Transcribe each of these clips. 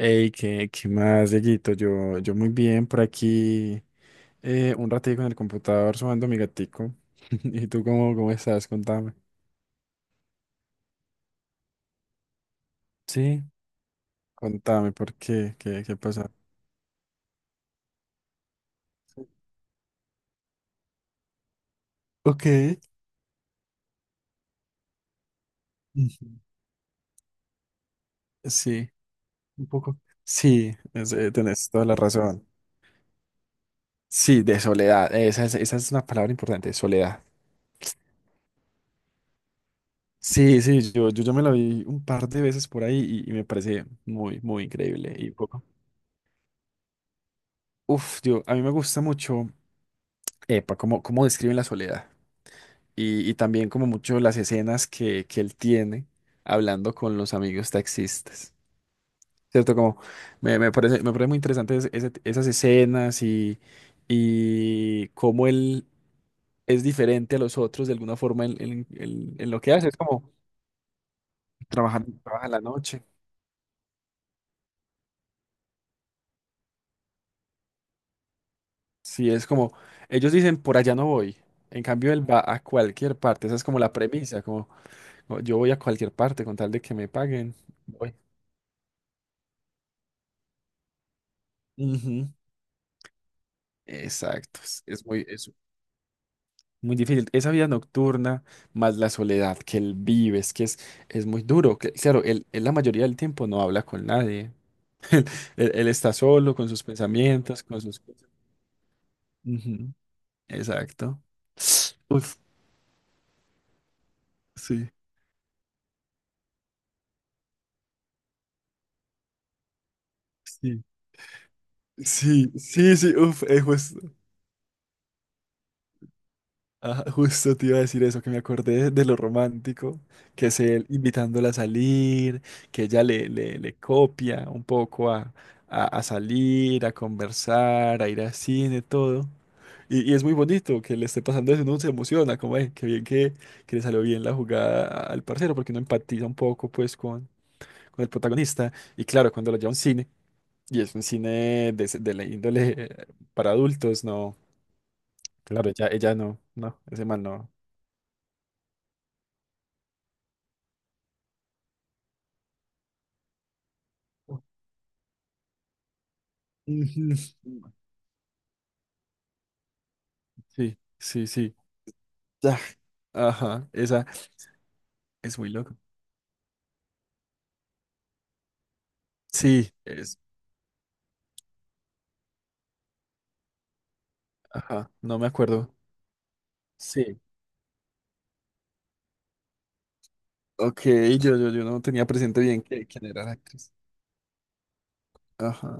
Hey, ¿qué más, Dieguito? Yo muy bien por aquí, un ratico en el computador sumando mi gatico. ¿Y tú cómo estás? Contame. Sí, contame, ¿por qué? ¿Qué pasa? Ok, mm. Sí, un poco. Sí, tenés toda la razón. Sí, de soledad. Esa es una palabra importante, soledad. Sí, sí, yo me la vi un par de veces por ahí y me parece muy, muy increíble. Y poco. Uf, yo, a mí me gusta mucho. Epa, cómo describen la soledad. Y también como mucho las escenas que él tiene hablando con los amigos taxistas. ¿Cierto? Como me parece, me parece muy interesante esas escenas y cómo él es diferente a los otros de alguna forma en lo que hace. Es como trabaja en la noche. Sí, es como ellos dicen por allá no voy. En cambio, él va a cualquier parte. Esa es como la premisa, yo voy a cualquier parte con tal de que me paguen. Voy. Ujú. Exacto, es, es muy difícil. Esa vida nocturna más la soledad que él vive, es que es muy duro. Claro, él la mayoría del tiempo no habla con nadie. Él está solo con sus pensamientos, con sus cosas. Ujú, exacto. Uf, sí, sí. Sí, sí, sí, uf, pues. Ah, justo te iba a decir eso, que me acordé de lo romántico, que es él invitándola a salir, que ella le copia un poco a salir, a conversar, a ir al cine, todo. Y es muy bonito que le esté pasando eso, uno se emociona, como, es, que bien que le salió bien la jugada al parcero, porque uno empatiza un poco, pues, con el protagonista. Y claro, cuando lo lleva a un cine, y es un cine de, de la índole para adultos, no, claro, ella no, no, ese man no. Ujú. Sí, sí, sí. Ya. Ajá, esa es muy loco. Sí, es. Ajá, no me acuerdo. Sí. Ok, yo no tenía presente bien quién era la actriz. Ajá.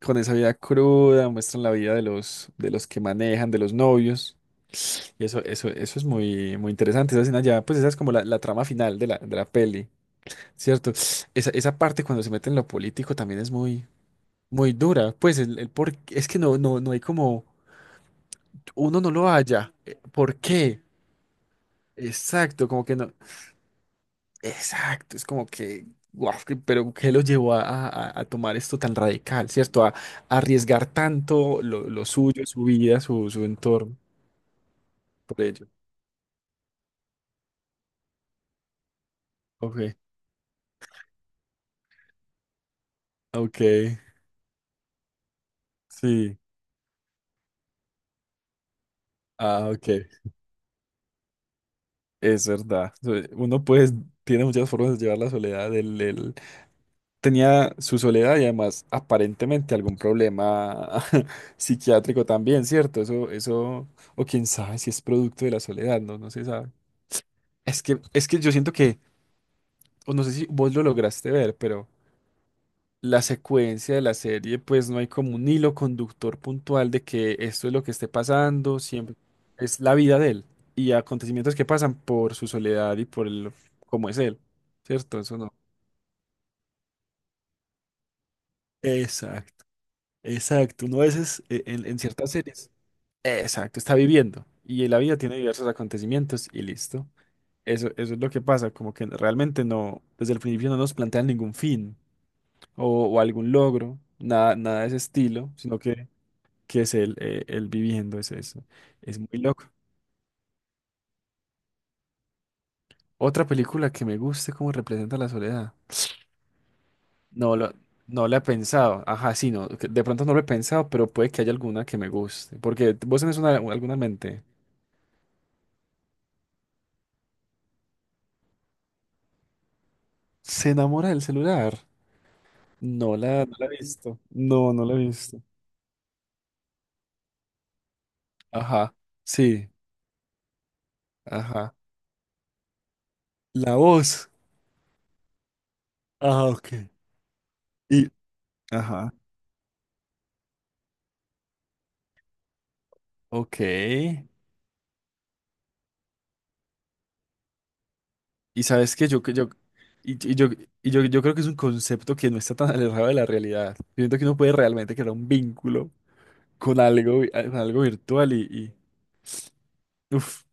Con esa vida cruda, muestran la vida de los que manejan, de los novios. Y eso es muy, muy interesante. Esa escena ya, pues esa es como la trama final de la peli, ¿cierto? Esa parte cuando se mete en lo político también es muy, muy dura. Pues el por, es que no, no, no hay como. Uno no lo halla. ¿Por qué? Exacto, como que no. Exacto, es como que, guau, pero ¿qué lo llevó a, a tomar esto tan radical, ¿cierto? A arriesgar tanto lo suyo, su vida, su entorno por ello. Ok, ok, sí, ah, ok, es verdad. Uno pues tiene muchas formas de llevar la soledad, tenía su soledad y además aparentemente algún problema psiquiátrico también, ¿cierto? Eso, o quién sabe si es producto de la soledad, no, no se sabe. Es que yo siento que, o no sé si vos lo lograste ver, pero la secuencia de la serie, pues no hay como un hilo conductor puntual de que esto es lo que esté pasando, siempre es la vida de él y acontecimientos que pasan por su soledad y por el, cómo es él, ¿cierto? Eso no. Exacto, exacto. Uno a veces en ciertas series. Exacto, está viviendo. Y la vida tiene diversos acontecimientos y listo. Eso es lo que pasa, como que realmente no, desde el principio no nos plantean ningún fin o algún logro, nada, nada de ese estilo, sino que es el viviendo, es eso. Es muy loco. Otra película que me guste cómo representa la soledad. No lo, no la he pensado. Ajá, sí, no, que de pronto no lo he pensado, pero puede que haya alguna que me guste. Porque vos tenés una, alguna en mente. Se enamora del celular. No la, no la he visto. No, no la he visto. Ajá. Sí. Ajá. La voz. Ajá, ok. Y, ajá. Ok. Y sabes que yo, y, y yo, y yo, yo creo que es un concepto que no está tan alejado de la realidad. Yo siento que uno puede realmente crear un vínculo con algo, con algo virtual y- uf.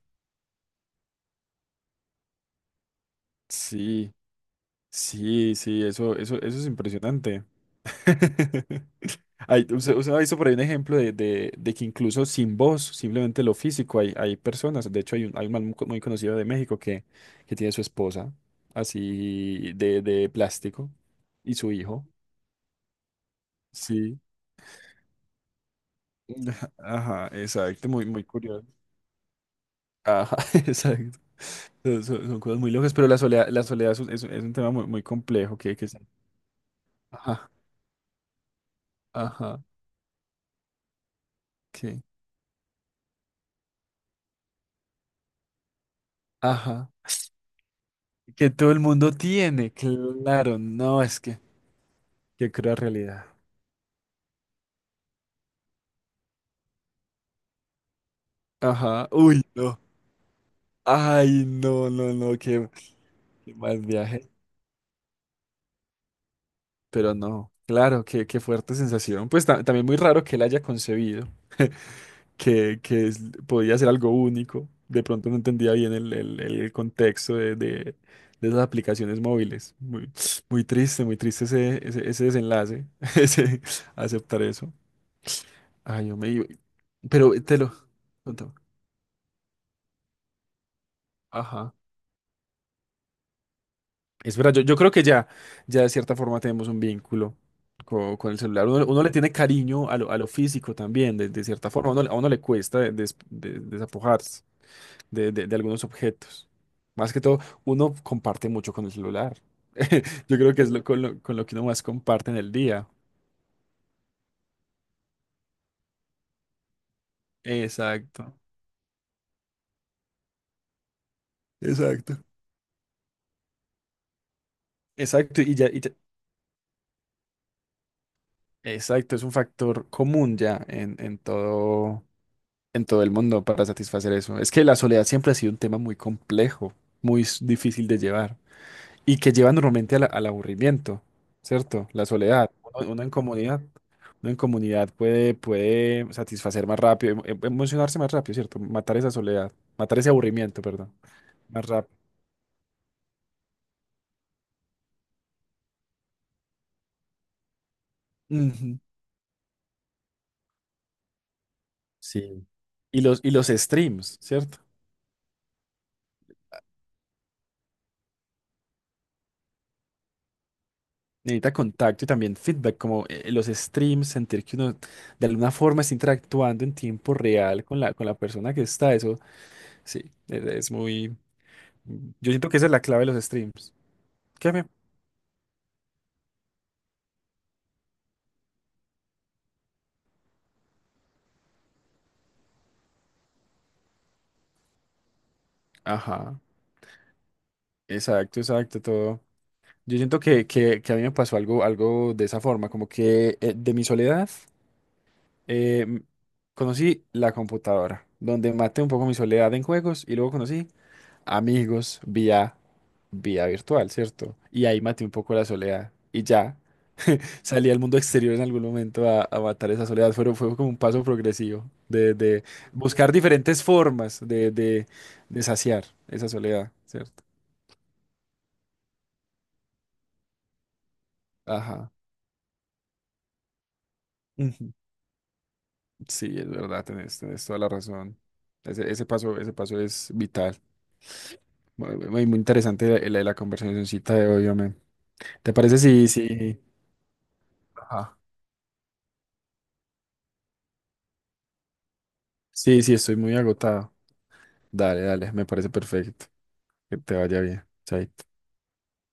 Sí, sí, sí, eso es impresionante. Hay, usted ha visto por ahí un ejemplo de, de que incluso sin voz, simplemente lo físico, hay personas. De hecho, hay un man muy, muy conocido de México que tiene su esposa, así de plástico, y su hijo. Sí. Ajá, exacto, muy, muy curioso. Ajá, exacto. Son, son cosas muy locas, pero la soledad es un, es un tema muy, muy complejo que... se- Ajá, ajá, que... Ajá. Que todo el mundo tiene, claro, no, es que, qué cruda realidad. Ajá, uy, no. Ay, no, no, no, qué, qué mal viaje. Pero no, claro, qué, qué fuerte sensación. Pues también muy raro que él haya concebido que es- podía ser algo único. De pronto no entendía bien el, el contexto de esas aplicaciones móviles. Muy, muy triste ese, ese, ese desenlace, ese aceptar eso. Ay, yo me... Pero te lo... contame. Ajá. Es verdad, yo creo que ya, ya de cierta forma tenemos un vínculo con, el celular. Uno, uno le tiene cariño a lo físico también, de cierta forma. A uno, a uno le cuesta desapojarse de, de algunos objetos. Más que todo, uno comparte mucho con el celular. Yo creo que es lo, con lo, con lo que uno más comparte en el día. Exacto. Exacto. Exacto, y ya, exacto, es un factor común ya en todo. En todo el mundo para satisfacer eso. Es que la soledad siempre ha sido un tema muy complejo, muy difícil de llevar y que lleva normalmente al al aburrimiento, ¿cierto? La soledad. Uno, uno en comunidad puede, puede satisfacer más rápido, emocionarse más rápido, ¿cierto? Matar esa soledad, matar ese aburrimiento, perdón, más rápido. Ujú. Sí. Y los streams, ¿cierto? Necesita contacto y también feedback, como los streams, sentir que uno de alguna forma está interactuando en tiempo real con la persona que está. Eso sí, es muy. Yo siento que esa es la clave de los streams. ¿Qué me- Ajá, exacto, exacto, todo. Yo siento que a mí me pasó algo, algo de esa forma, como que de mi soledad eh, m- conocí la computadora, donde maté un poco mi soledad en juegos y luego conocí amigos vía, vía virtual, ¿cierto? Y ahí maté un poco la soledad y ya salí al mundo exterior en algún momento a matar esa soledad. Fue, fue como un paso progresivo de buscar diferentes formas de saciar esa soledad, ¿cierto? Ajá. Ujú. Sí, es verdad, tenés, tenés toda la razón. Ese, ese paso es vital. Muy, muy muy interesante la, la, la conversacioncita de hoy, hombre. ¿Te parece sí sí Ajá. Sí, sí, estoy muy agotado. Dale, dale, me parece perfecto. Que te vaya bien. Chaito.